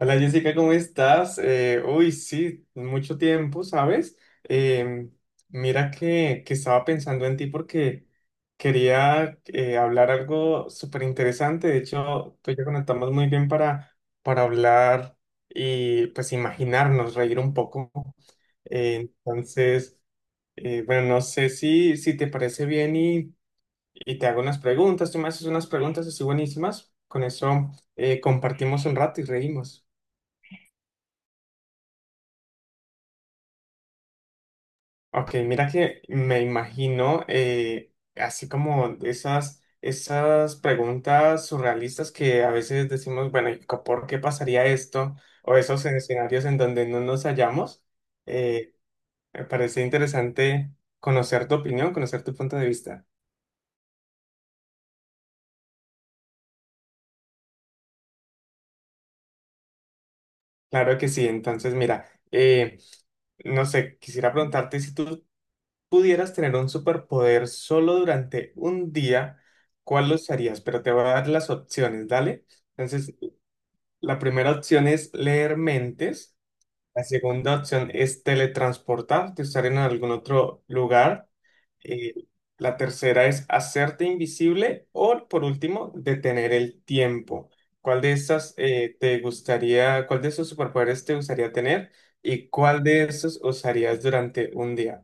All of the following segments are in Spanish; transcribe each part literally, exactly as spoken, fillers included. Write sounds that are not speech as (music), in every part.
Hola Jessica, ¿cómo estás? Eh, uy, sí, mucho tiempo, ¿sabes? Em, mira que, que estaba pensando en ti porque quería eh, hablar algo súper interesante. De hecho, tú y yo conectamos muy bien para, para hablar y pues imaginarnos, reír un poco. Eh, entonces, eh, bueno, no sé si, si te parece bien y, y te hago unas preguntas. Tú me haces unas preguntas así buenísimas. Con eso eh, compartimos un rato y reímos. Ok, mira que me imagino eh, así como esas, esas preguntas surrealistas que a veces decimos, bueno, ¿y co- por qué pasaría esto? O esos escenarios en donde no nos hallamos. Eh, me parece interesante conocer tu opinión, conocer tu punto de vista. Claro que sí, entonces mira, eh, no sé, quisiera preguntarte si tú pudieras tener un superpoder solo durante un día, ¿cuál lo usarías? Pero te voy a dar las opciones, ¿dale? Entonces, la primera opción es leer mentes, la segunda opción es teletransportarte, estar en algún otro lugar, eh, la tercera es hacerte invisible o por último detener el tiempo. ¿Cuál de estas eh, te gustaría, cuál de esos superpoderes te gustaría tener y cuál de esos usarías durante un día?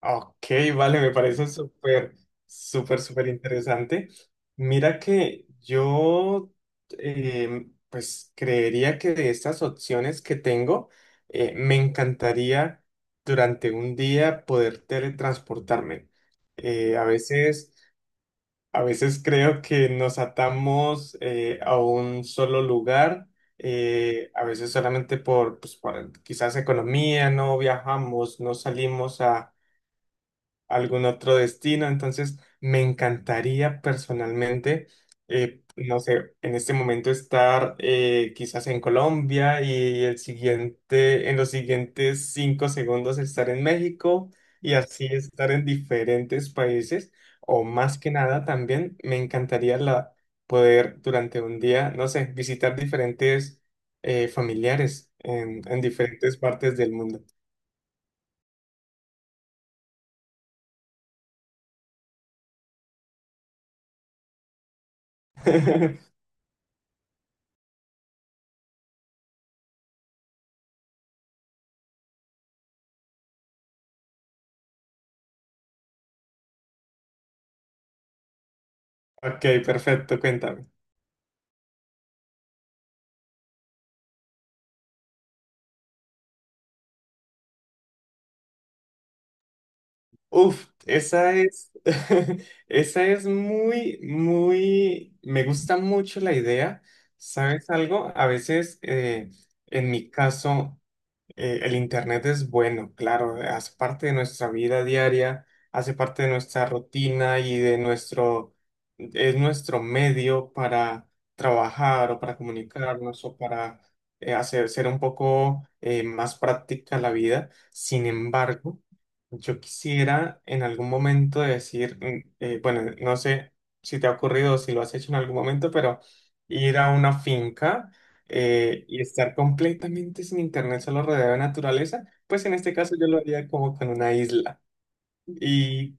Ok, vale, me parece súper, súper, súper interesante. Mira que yo, eh, pues creería que de estas opciones que tengo, eh, me encantaría durante un día poder teletransportarme. Eh, a veces, a veces creo que nos atamos eh, a un solo lugar, eh, a veces solamente por, pues, por quizás economía, no viajamos, no salimos algún otro destino. Entonces, me encantaría personalmente, eh, no sé, en este momento estar eh, quizás en Colombia y el siguiente, en los siguientes cinco segundos estar en México y así estar en diferentes países. O más que nada, también me encantaría la, poder durante un día, no sé, visitar diferentes eh, familiares en en diferentes partes del mundo. (laughs) Ok, perfecto, cuéntame. Uf, esa es, (laughs) esa es muy, muy, me gusta mucho la idea. ¿Sabes algo? A veces, eh, en mi caso, eh, el Internet es bueno, claro, hace parte de nuestra vida diaria, hace parte de nuestra rutina y de nuestro, es nuestro medio para trabajar o para comunicarnos o para eh, hacer ser un poco eh, más práctica la vida. Sin embargo, yo quisiera en algún momento decir, mm, eh, bueno, no sé si te ha ocurrido o si lo has hecho en algún momento, pero ir a una finca eh, y estar completamente sin internet solo rodeado de naturaleza, pues en este caso yo lo haría como con una isla. Y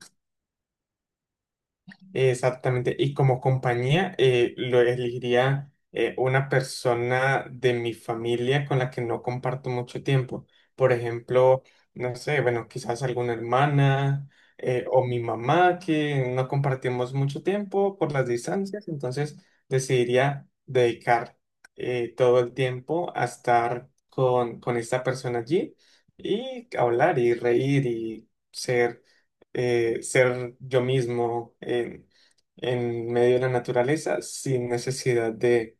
Exactamente. Y como compañía, eh, lo elegiría eh, una persona de mi familia con la que no comparto mucho tiempo. Por ejemplo, no sé, bueno, quizás alguna hermana eh, o mi mamá que no compartimos mucho tiempo por las distancias. Entonces, decidiría dedicar eh, todo el tiempo a estar con, con esta persona allí y hablar y reír y ser eh, ser yo mismo en, en medio de la naturaleza sin necesidad de,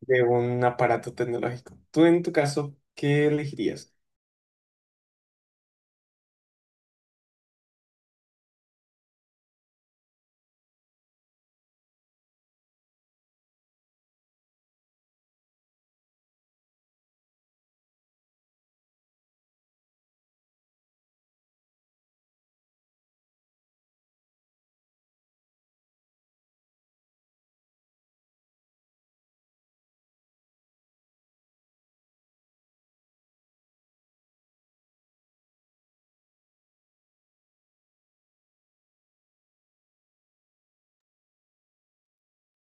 de un aparato tecnológico. Tú en tu caso, ¿qué elegirías?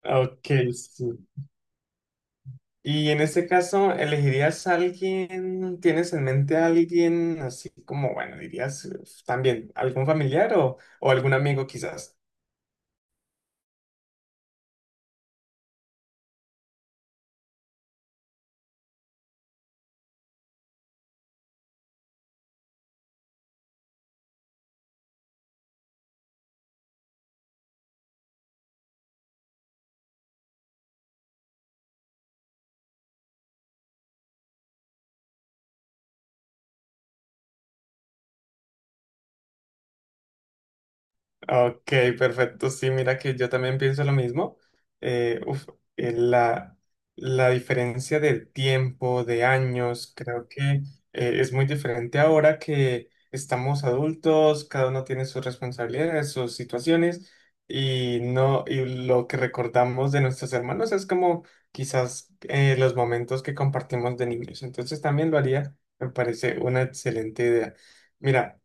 Ok, sí. Y en este caso, ¿elegirías a alguien? ¿Tienes en mente a alguien así como, bueno, dirías eh, también algún familiar o, o algún amigo quizás? Ok, perfecto. Sí, mira que yo también pienso lo mismo. Eh, uf, eh, la, la diferencia de tiempo, de años, creo que eh, es muy diferente ahora que estamos adultos, cada uno tiene sus responsabilidades, sus situaciones, y no, y lo que recordamos de nuestros hermanos es como quizás eh, los momentos que compartimos de niños. Entonces también lo haría, me parece una excelente idea. Mira.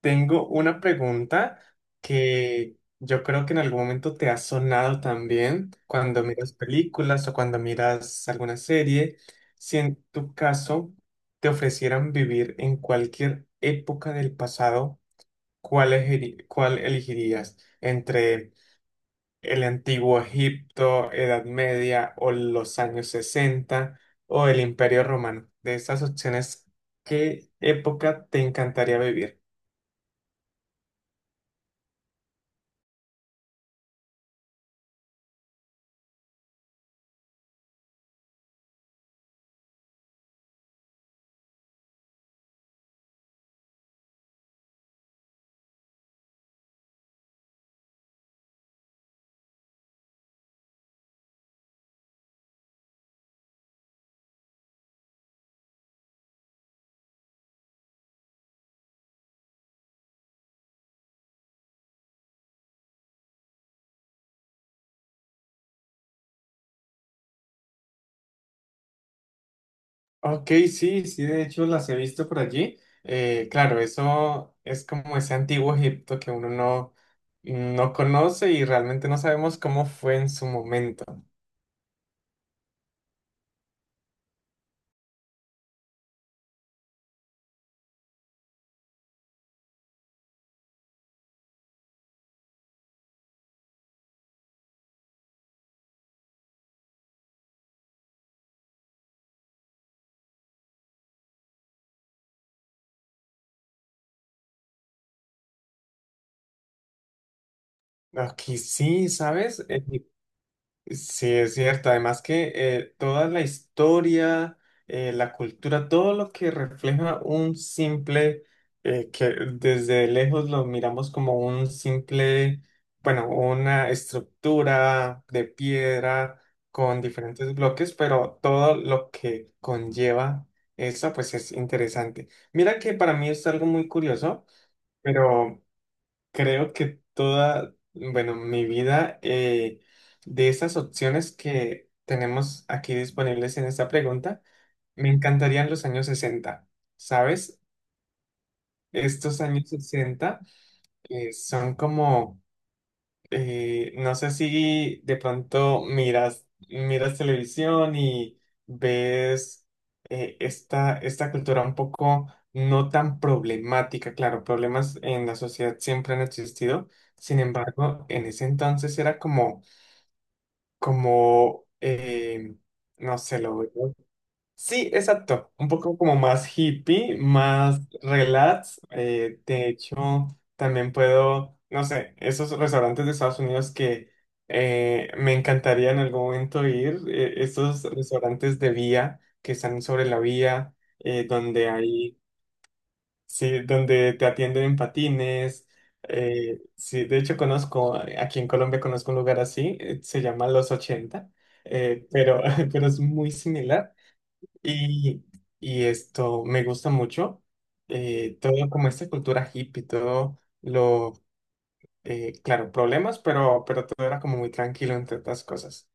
Tengo una pregunta que yo creo que en algún momento te ha sonado también cuando miras películas o cuando miras alguna serie. Si en tu caso te ofrecieran vivir en cualquier época del pasado, ¿cuál elegiri- cuál elegirías? ¿Entre el antiguo Egipto, Edad Media o los años sesenta o el Imperio Romano? De esas opciones, ¿qué época te encantaría vivir? Ok, sí, sí, de hecho las he visto por allí. Eh, claro, eso es como ese antiguo Egipto que uno no, no conoce y realmente no sabemos cómo fue en su momento. Aquí sí, ¿sabes? Eh, Sí, es cierto. Además que eh, toda la historia, eh, la cultura, todo lo que refleja un simple, eh, que desde lejos lo miramos como un simple, bueno, una estructura de piedra con diferentes bloques, pero todo lo que conlleva eso, pues es interesante. Mira que para mí es algo muy curioso, pero creo que toda, bueno, mi vida, eh, de esas opciones que tenemos aquí disponibles en esta pregunta, me encantarían los años sesenta, ¿sabes? Estos años sesenta eh, son como eh, no sé si de pronto miras, miras televisión y ves eh, esta, esta cultura un poco no tan problemática. Claro, problemas en la sociedad siempre han existido. Sin embargo, en ese entonces era como, como eh, no sé, lo veo. Sí, exacto. Un poco como más hippie, más relax. Eh, de hecho, también puedo, no sé, esos restaurantes de Estados Unidos que eh, me encantaría en algún momento ir, eh, esos restaurantes de vía que están sobre la vía, eh, donde hay, sí, donde te atienden en patines. Eh, sí, de hecho conozco, eh, aquí en Colombia conozco un lugar así, eh, se llama Los Ochenta, eh, pero (laughs) pero es muy similar. Y, y esto me gusta mucho, eh, todo como esta cultura hippie, todo lo, eh, claro, problemas, pero, pero todo era como muy tranquilo entre otras cosas.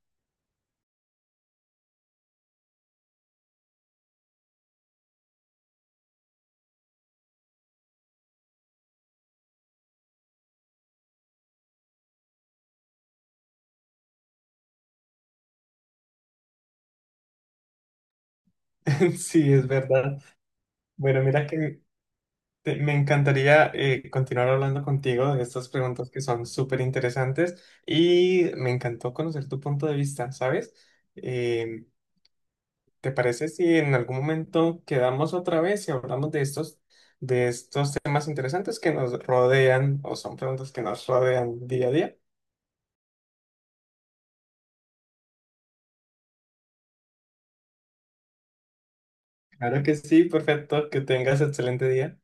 (laughs) Sí, es verdad. Bueno, mira que te- me encantaría eh, continuar hablando contigo de estas preguntas que son súper interesantes y me encantó conocer tu punto de vista, ¿sabes? Eh, ¿Te parece si en algún momento quedamos otra vez y hablamos de estos, de estos temas interesantes que nos rodean o son preguntas que nos rodean día a día? Claro que sí, perfecto, que tengas excelente día.